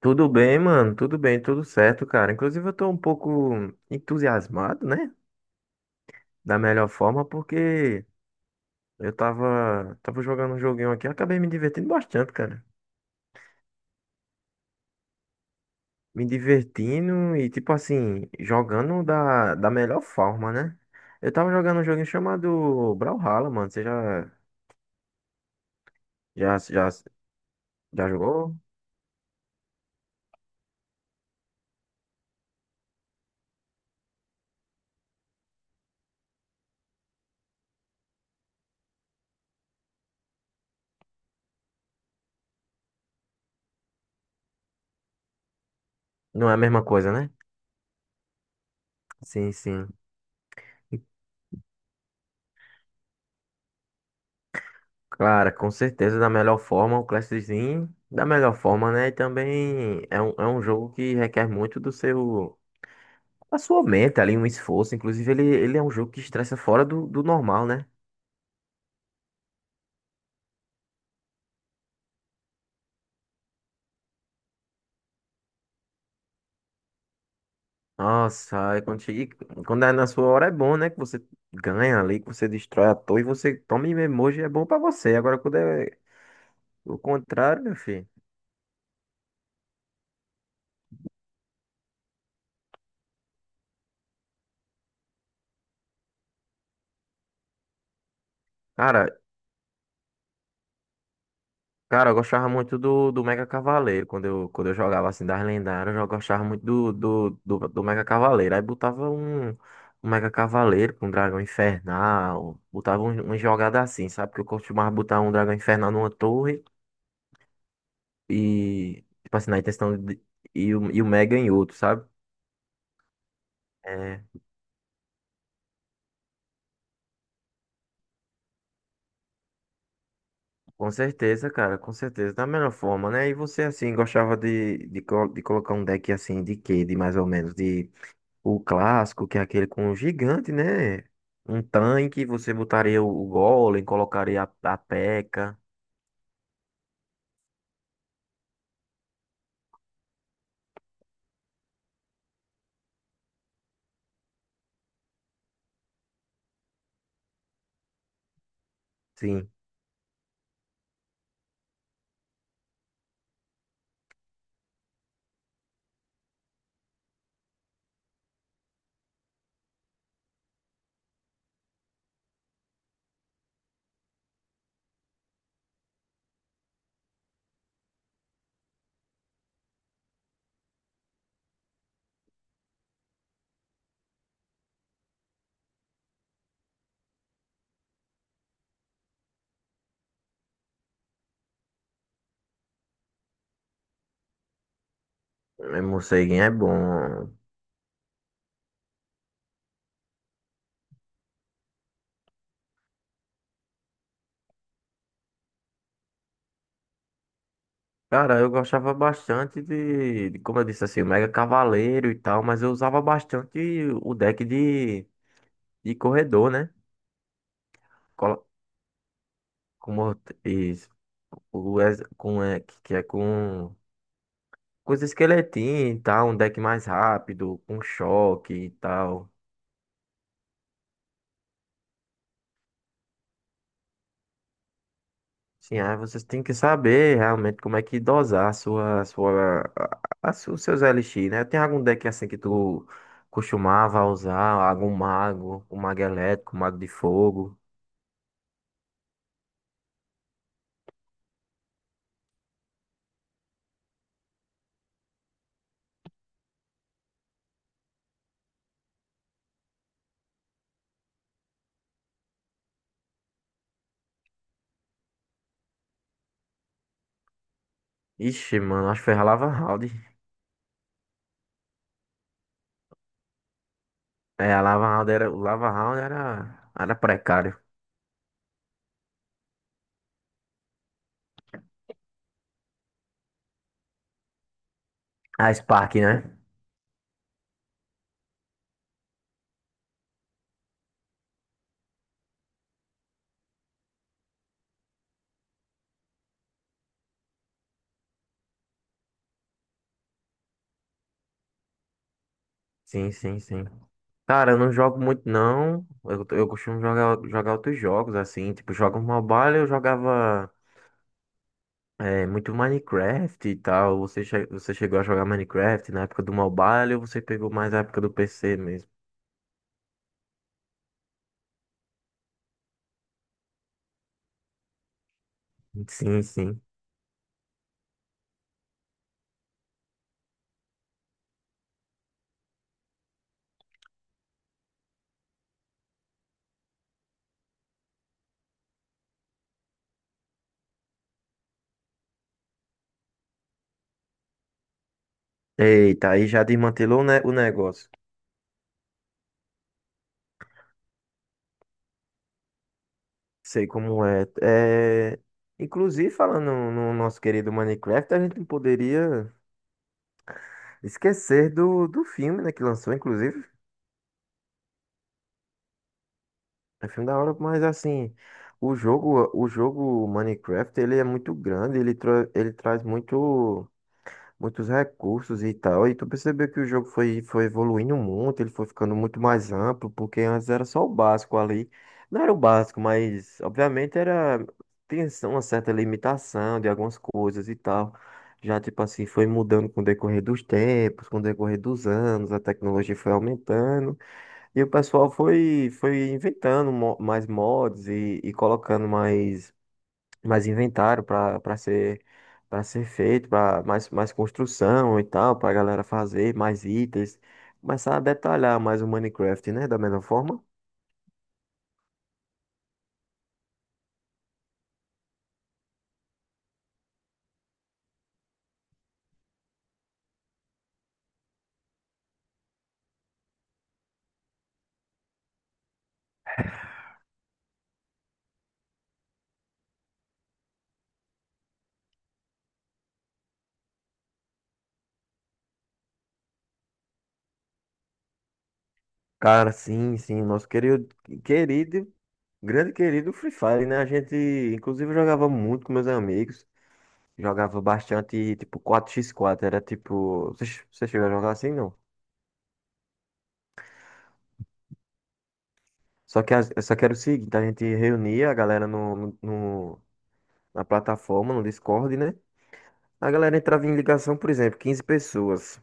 Tudo bem, mano? Tudo bem, tudo certo, cara. Inclusive, eu tô um pouco entusiasmado, né? Da melhor forma, porque eu tava jogando um joguinho aqui, eu acabei me divertindo bastante, cara. Me divertindo e, tipo assim, jogando da melhor forma, né? Eu tava jogando um joguinho chamado Brawlhalla, mano. Você já, já, já, já jogou? Não é a mesma coisa, né? Sim, sim. Claro, com certeza, da melhor forma, o Clash da melhor forma, né? E também é um jogo que requer muito do seu, da sua mente ali, um esforço. Inclusive, ele é um jogo que estressa fora do, do normal, né? Nossa, e quando é na sua hora é bom, né? Que você ganha ali, que você destrói a torre, você toma em emoji, é bom pra você. Agora, quando é o contrário, meu filho. Cara, Cara, eu gostava muito do Mega Cavaleiro. Quando eu jogava assim das lendárias, eu gostava muito do Mega Cavaleiro. Aí botava um Mega Cavaleiro com um Dragão Infernal. Botava um, um jogada assim, sabe? Porque eu costumava botar um Dragão Infernal numa torre e, tipo assim, na intenção de, e o Mega em outro, sabe? É, com certeza, cara, com certeza. Da melhor forma, né? E você, assim, gostava de colocar um deck assim, de quê? De mais ou menos? O clássico, que é aquele com o gigante, né? Um tanque, você botaria o Golem, colocaria a Pekka. Sim, o morceguinho é bom. Cara, eu gostava bastante de, como eu disse assim, o Mega Cavaleiro e tal, mas eu usava bastante o deck de corredor, né? Colo- Como isso, o, ex- com, é, que é com os esqueletinhos e tal, um deck mais rápido, com choque e tal. Sim, aí vocês têm que saber realmente como é que dosar a sua, os seus LX, né? Tem algum deck assim que tu costumava usar? Algum mago, um mago elétrico, um mago de fogo? Ixi, mano, acho que foi a Lava Round. É, a Lava Round era, o Lava Round era, era precário. A Spark, né? Sim, sim, sim. Cara, eu não jogo muito não. Eu costumo jogar outros jogos, assim. Tipo, jogo mobile, eu jogava. É, muito Minecraft e tal. Você chegou a jogar Minecraft na época do mobile ou você pegou mais a época do PC mesmo? Sim, sim. Eita, aí já desmantelou, né, o negócio. Sei como é. É, inclusive, falando no nosso querido Minecraft, a gente não poderia esquecer do filme, né, que lançou, inclusive. É filme da hora, mas assim, o jogo Minecraft, ele é muito grande, ele, tra ele traz muito, muitos recursos e tal. E tu percebeu que o jogo foi evoluindo muito, ele foi ficando muito mais amplo, porque antes era só o básico ali. Não era o básico, mas obviamente era, tinha assim, uma certa limitação de algumas coisas e tal. Já, tipo assim, foi mudando com o decorrer dos tempos, com o decorrer dos anos, a tecnologia foi aumentando e o pessoal foi inventando mais mods e colocando mais inventário para ser para ser feito, para mais construção e tal, para a galera fazer mais itens, começar a detalhar mais o Minecraft, né, da mesma forma. Cara, sim, sim, nosso querido grande querido Free Fire, né? A gente inclusive jogava muito com meus amigos, jogava bastante tipo quatro x quatro era tipo, você chegou a jogar assim, não? Só que, só que era o seguinte, a gente reunia a galera no, no, no- na plataforma, no Discord, né? A galera entrava em ligação, por exemplo, 15 pessoas,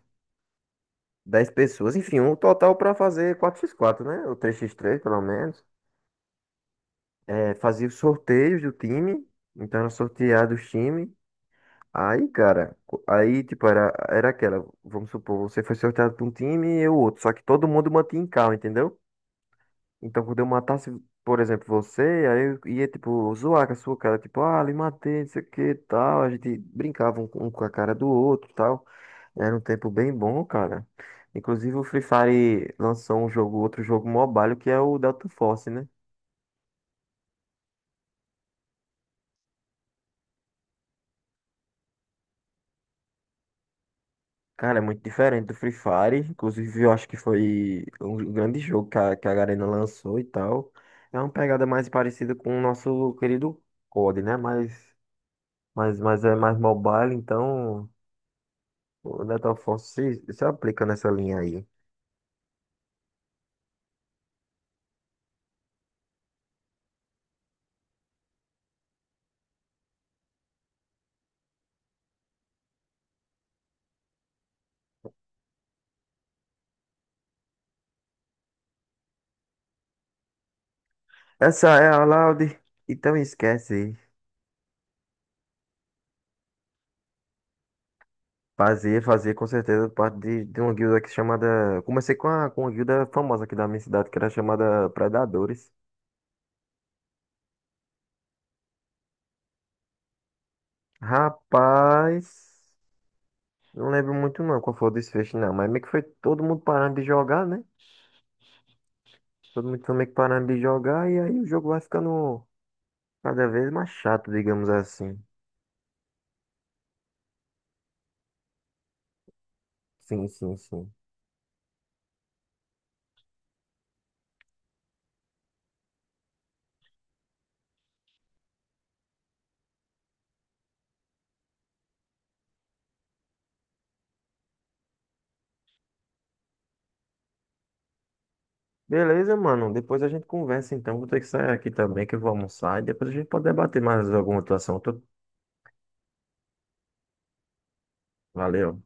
10 pessoas, enfim, um total para fazer quatro x quatro, né? Ou três x três pelo menos. É, fazia os sorteios do time, então era sorteado os times. Aí, cara, tipo, era aquela, vamos supor, você foi sorteado para um time e eu outro, só que todo mundo mantinha em calma, entendeu? Então, quando eu matasse, por exemplo, você, aí eu ia, tipo, zoar com a sua cara, tipo, ah, lhe matei, não sei o que, tal. A gente brincava um com a cara do outro, tal. Era um tempo bem bom, cara. Inclusive, o Free Fire lançou um jogo, outro jogo mobile, que é o Delta Force, né? Cara, é muito diferente do Free Fire. Inclusive, eu acho que foi um grande jogo que a Garena lançou e tal. É uma pegada mais parecida com o nosso querido COD, né? Mas é mais mobile, então. O Neto Afonso se aplica nessa linha aí. Essa é a Laude. Então esquece. Fazer com certeza parte de uma guilda que é chamada. Comecei com uma guilda famosa aqui da minha cidade, que era chamada Predadores. Rapaz, não lembro muito não qual foi o desfecho, não. Mas meio que foi todo mundo parando de jogar, né? Todo mundo foi meio que parando de jogar e aí o jogo vai ficando cada vez mais chato, digamos assim. Sim, sim, sim. Beleza, mano. Depois a gente conversa, então. Vou ter que sair aqui também, que eu vou almoçar. E depois a gente pode debater mais alguma atuação. Valeu.